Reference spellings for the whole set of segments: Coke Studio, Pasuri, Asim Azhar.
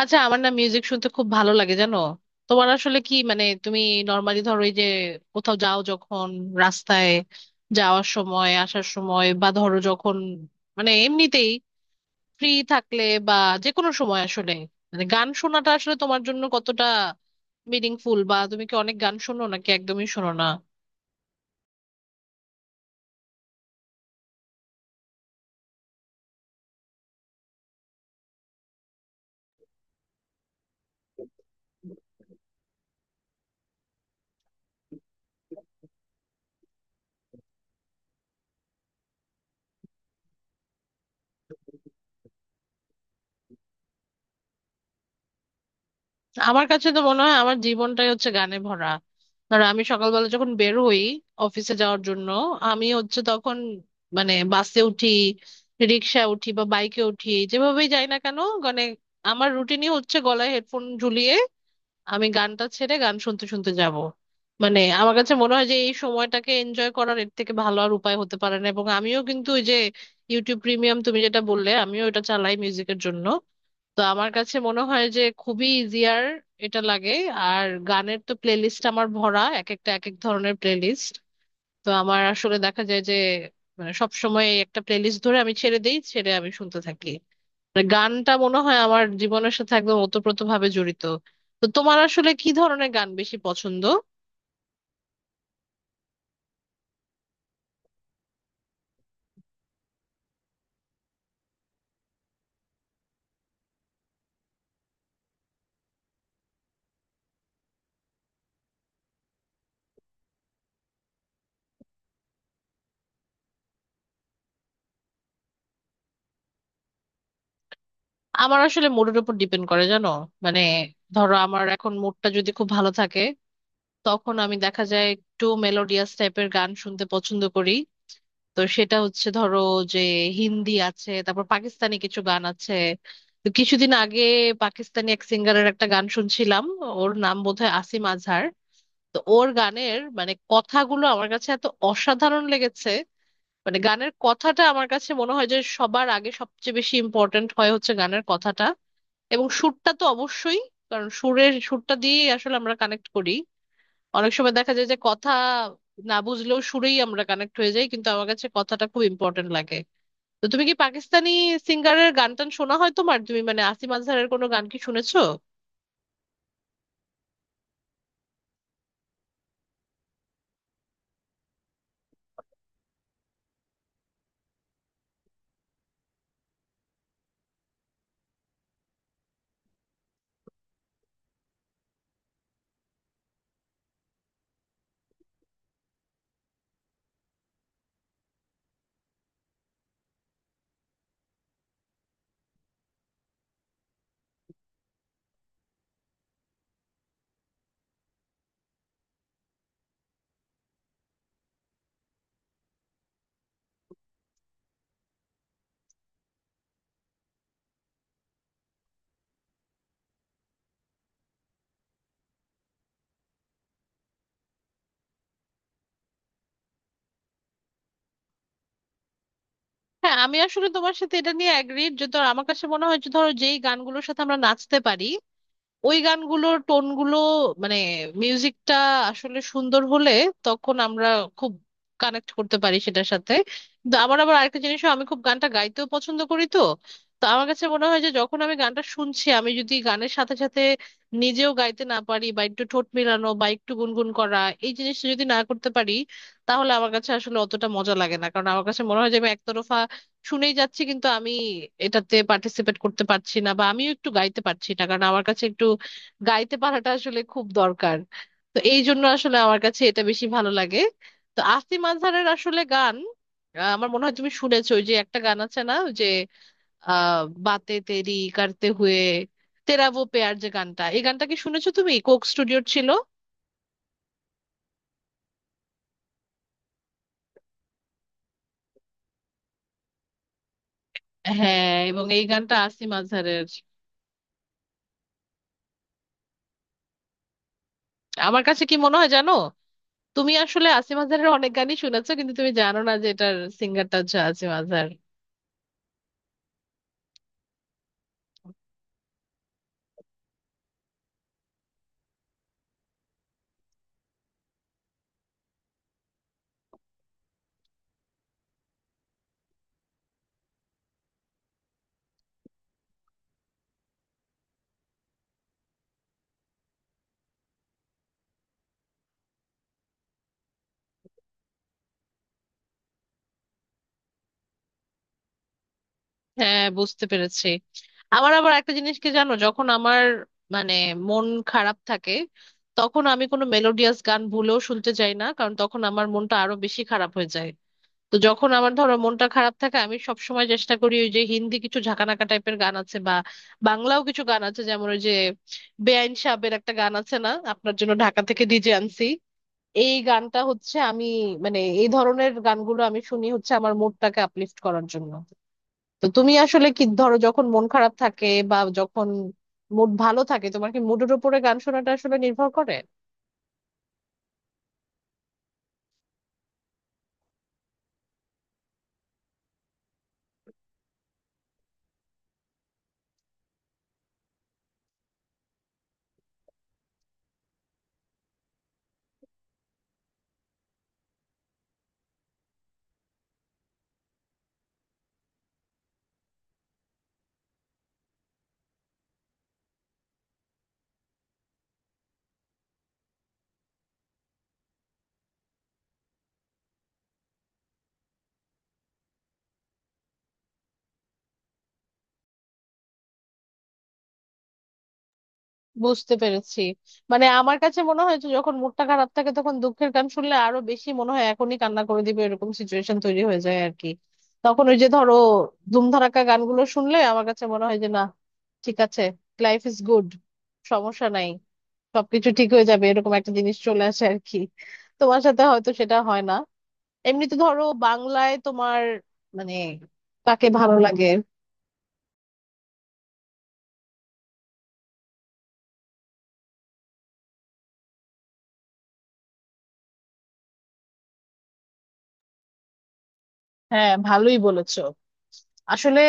আচ্ছা, আমার না মিউজিক শুনতে খুব ভালো লাগে, জানো? তোমার আসলে কি, মানে তুমি নর্মালি ধরো, এই যে কোথাও যাও যখন, রাস্তায় যাওয়ার সময়, আসার সময়, বা ধরো যখন মানে এমনিতেই ফ্রি থাকলে বা যে কোনো সময় আসলে, মানে গান শোনাটা আসলে তোমার জন্য কতটা মিনিংফুল? বা তুমি কি অনেক গান শোনো নাকি একদমই শোনো না? আমার কাছে তো মনে হয় আমার জীবনটাই হচ্ছে গানে ভরা। ধরো আমি সকালবেলা যখন বের হই অফিসে যাওয়ার জন্য, আমি হচ্ছে তখন মানে বাসে উঠি, রিক্সা উঠি বা বাইকে উঠি, যেভাবেই যাই না কেন, মানে আমার রুটিনই হচ্ছে গলায় হেডফোন ঝুলিয়ে আমি গানটা ছেড়ে গান শুনতে শুনতে যাব। মানে আমার কাছে মনে হয় যে এই সময়টাকে এনজয় করার এর থেকে ভালো আর উপায় হতে পারে না। এবং আমিও কিন্তু ওই যে ইউটিউব প্রিমিয়াম তুমি যেটা বললে, আমিও এটা চালাই মিউজিকের জন্য। তো আমার কাছে মনে হয় যে খুবই ইজিয়ার এটা লাগে। আর গানের তো প্লেলিস্ট আমার ভরা, এক একটা এক এক ধরনের প্লেলিস্ট। তো আমার আসলে দেখা যায় যে মানে সব সময় একটা প্লেলিস্ট ধরে আমি ছেড়ে দেই, ছেড়ে আমি শুনতে থাকি। মানে গানটা মনে হয় আমার জীবনের সাথে একদম ওতপ্রোত ভাবে জড়িত। তো তোমার আসলে কি ধরনের গান বেশি পছন্দ? আমার আসলে মুডের উপর ডিপেন্ড করে, জানো। মানে ধরো আমার এখন মুডটা যদি খুব ভালো থাকে, তখন আমি দেখা যায় একটু মেলোডিয়াস টাইপের গান শুনতে পছন্দ করি। তো সেটা হচ্ছে ধরো যে হিন্দি আছে, তারপর পাকিস্তানি কিছু গান আছে। তো কিছুদিন আগে পাকিস্তানি এক সিঙ্গারের একটা গান শুনছিলাম। ওর নাম বোধহয় আসিম আজহার। তো ওর গানের মানে কথাগুলো আমার কাছে এত অসাধারণ লেগেছে। মানে গানের কথাটা আমার কাছে মনে হয় যে সবার আগে সবচেয়ে বেশি ইম্পর্ট্যান্ট হয় হচ্ছে গানের কথাটা, এবং সুরটা তো অবশ্যই। কারণ সুরের সুরটা দিয়ে আসলে আমরা কানেক্ট করি। অনেক সময় দেখা যায় যে কথা না বুঝলেও সুরেই আমরা কানেক্ট হয়ে যাই, কিন্তু আমার কাছে কথাটা খুব ইম্পর্ট্যান্ট লাগে। তো তুমি কি পাকিস্তানি সিঙ্গারের গান টান শোনা হয় তোমার? তুমি মানে আসিফ আজহারের কোনো গান কি শুনেছো? হ্যাঁ, আমি আসলে তোমার সাথে এটা নিয়ে অ্যাগ্রিড যে ধর আমার কাছে মনে হয় যে ধরো যেই গানগুলোর সাথে আমরা নাচতে পারি, ওই গানগুলোর টোনগুলো মানে মিউজিকটা আসলে সুন্দর হলে তখন আমরা খুব কানেক্ট করতে পারি সেটার সাথে। কিন্তু আমার আবার আরেকটা জিনিসও, আমি খুব গানটা গাইতেও পছন্দ করি। তো তো আমার কাছে মনে হয় যে যখন আমি গানটা শুনছি, আমি যদি গানের সাথে সাথে নিজেও গাইতে না পারি বা একটু ঠোঁট মেলানো বা একটু গুনগুন করা, এই জিনিসটা যদি না করতে পারি, তাহলে আমার কাছে আসলে অতটা মজা লাগে না। কারণ আমার কাছে মনে হয় যে আমি একতরফা শুনেই যাচ্ছি কিন্তু আমি এটাতে পার্টিসিপেট করতে পারছি না বা আমিও একটু গাইতে পারছি না। কারণ আমার কাছে একটু গাইতে পারাটা আসলে খুব দরকার। তো এই জন্য আসলে আমার কাছে এটা বেশি ভালো লাগে। তো আসিফ আজহারের আসলে গান, আমার মনে হয় তুমি শুনেছো ওই যে একটা গান আছে না, ওই যে আহ বাতে তেরি করতে হুয়ে তেরা ও পেয়ার, যে গানটা, এই গানটা কি শুনেছো? তুমি কোক স্টুডিওর ছিল। হ্যাঁ, এবং এই গানটা আসিফ আজহারের। আমার কাছে কি মনে হয় জানো, তুমি আসলে আসিফ আজহারের অনেক গানই শুনেছো, কিন্তু তুমি জানো না যে এটার সিঙ্গারটা হচ্ছে আসিফ আজহার। হ্যাঁ, বুঝতে পেরেছি। আমার আবার একটা জিনিস কি জানো, যখন আমার মানে মন খারাপ থাকে, তখন আমি কোনো মেলোডিয়াস গান ভুলেও শুনতে চাই না, কারণ তখন আমার মনটা আরো বেশি খারাপ হয়ে যায়। তো যখন আমার ধরো মনটা খারাপ থাকে, আমি সবসময় চেষ্টা করি ওই যে হিন্দি কিছু ঝাঁকানাকা টাইপের গান আছে, বা বাংলাও কিছু গান আছে, যেমন ওই যে বেআইন সাহেবের একটা গান আছে না, আপনার জন্য ঢাকা থেকে ডিজে আনছি, এই গানটা হচ্ছে আমি মানে এই ধরনের গানগুলো আমি শুনি হচ্ছে আমার মুডটাকে আপলিফট করার জন্য। তো তুমি আসলে কি ধরো যখন মন খারাপ থাকে বা যখন মুড ভালো থাকে, তোমার কি মুডের উপরে গান শোনাটা আসলে নির্ভর করে? বুঝতে পেরেছি। মানে আমার কাছে মনে হয় যে যখন মুডটা খারাপ থাকে, তখন দুঃখের গান শুনলে আরো বেশি মনে হয় এখনই কান্না করে দিবে, এরকম সিচুয়েশন তৈরি হয়ে যায় আর কি। তখন ওই যে ধরো ধুমধাড়াক্কা গানগুলো শুনলে আমার কাছে মনে হয় যে না, ঠিক আছে, লাইফ ইজ গুড, সমস্যা নাই, সবকিছু ঠিক হয়ে যাবে, এরকম একটা জিনিস চলে আসে আর কি। তোমার সাথে হয়তো সেটা হয় না। এমনিতে ধরো বাংলায় তোমার মানে কাকে ভালো লাগে? হ্যাঁ, ভালোই বলেছো আসলে।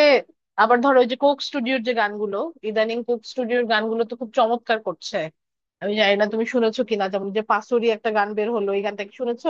আবার ধরো ওই যে কোক স্টুডিওর যে গানগুলো, ইদানিং কোক স্টুডিওর গানগুলো তো খুব চমৎকার করছে। আমি জানি না তুমি শুনেছো কিনা, যেমন যে পাসুরি একটা গান বের হলো, এই গানটা কি শুনেছো?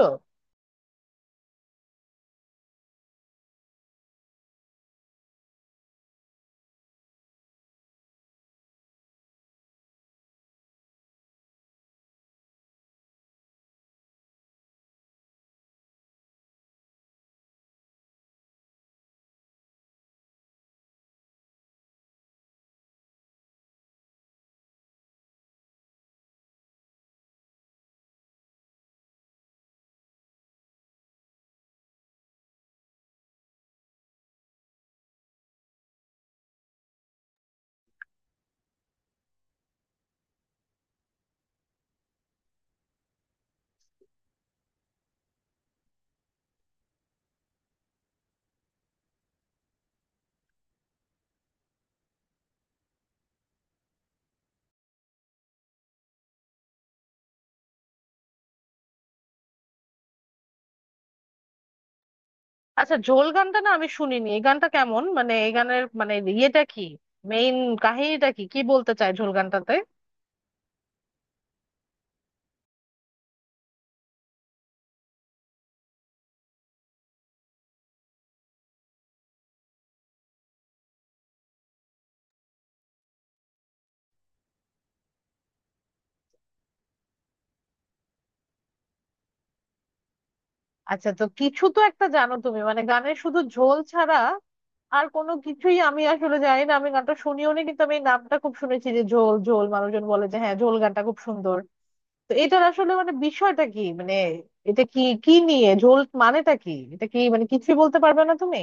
আচ্ছা, ঝোল গানটা না আমি শুনিনি, এই গানটা কেমন, মানে এই গানের মানে ইয়েটা কি, মেইন কাহিনীটা কি, কি বলতে চায় ঝোল গানটাতে? আচ্ছা, তো কিছু তো একটা জানো তুমি মানে গানের, শুধু ঝোল ছাড়া আর কোনো কিছুই আমি আসলে জানি না। আমি গানটা শুনিও নি, কিন্তু আমি এই নামটা খুব শুনেছি যে ঝোল ঝোল, মানুষজন বলে যে হ্যাঁ, ঝোল গানটা খুব সুন্দর। তো এটার আসলে মানে বিষয়টা কি, মানে এটা কি কি নিয়ে, ঝোল মানেটা কি, এটা কি মানে কিছুই বলতে পারবে না তুমি?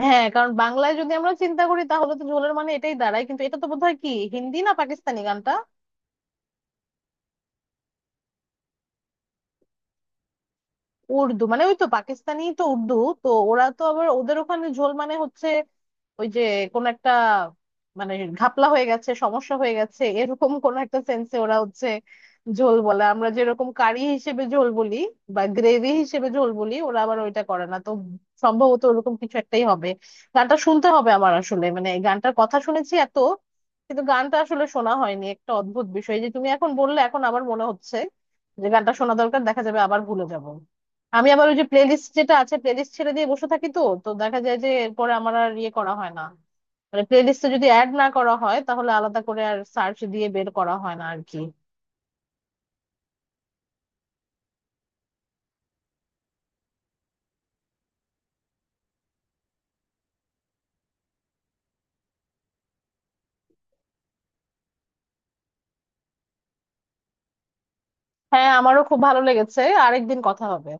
হ্যাঁ, কারণ বাংলায় যদি আমরা চিন্তা করি, তাহলে তো ঝোলের মানে এটাই দাঁড়ায়, কিন্তু এটা তো বোধহয় কি হিন্দি না পাকিস্তানি গানটা? উর্দু মানে ওই তো পাকিস্তানি তো উর্দু। তো ওরা তো আবার ওদের ওখানে ঝোল মানে হচ্ছে ওই যে কোন একটা মানে ঘাপলা হয়ে গেছে, সমস্যা হয়ে গেছে, এরকম কোন একটা সেন্সে ওরা হচ্ছে ঝোল বলে। আমরা যেরকম কারি হিসেবে ঝোল বলি বা গ্রেভি হিসেবে ঝোল বলি, ওরা আবার ওইটা করে না তো। সম্ভবত ওরকম কিছু একটাই হবে। গানটা শুনতে হবে আমার আসলে, মানে গানটার কথা শুনেছি এত, কিন্তু গানটা আসলে শোনা হয়নি। একটা অদ্ভুত বিষয় এই যে তুমি এখন বললে, এখন আবার মনে হচ্ছে যে গানটা শোনা দরকার, দেখা যাবে আবার ভুলে যাব। আমি আবার ওই যে প্লেলিস্ট যেটা আছে, প্লেলিস্ট ছেড়ে দিয়ে বসে থাকি, তো তো দেখা যায় যে এরপরে আমার আর ইয়ে করা হয় না। মানে প্লেলিস্টে যদি অ্যাড না করা হয়, তাহলে আলাদা করে আর সার্চ দিয়ে বের করা হয় না আর কি। হ্যাঁ, আমারও খুব ভালো লেগেছে। আরেকদিন কথা হবে।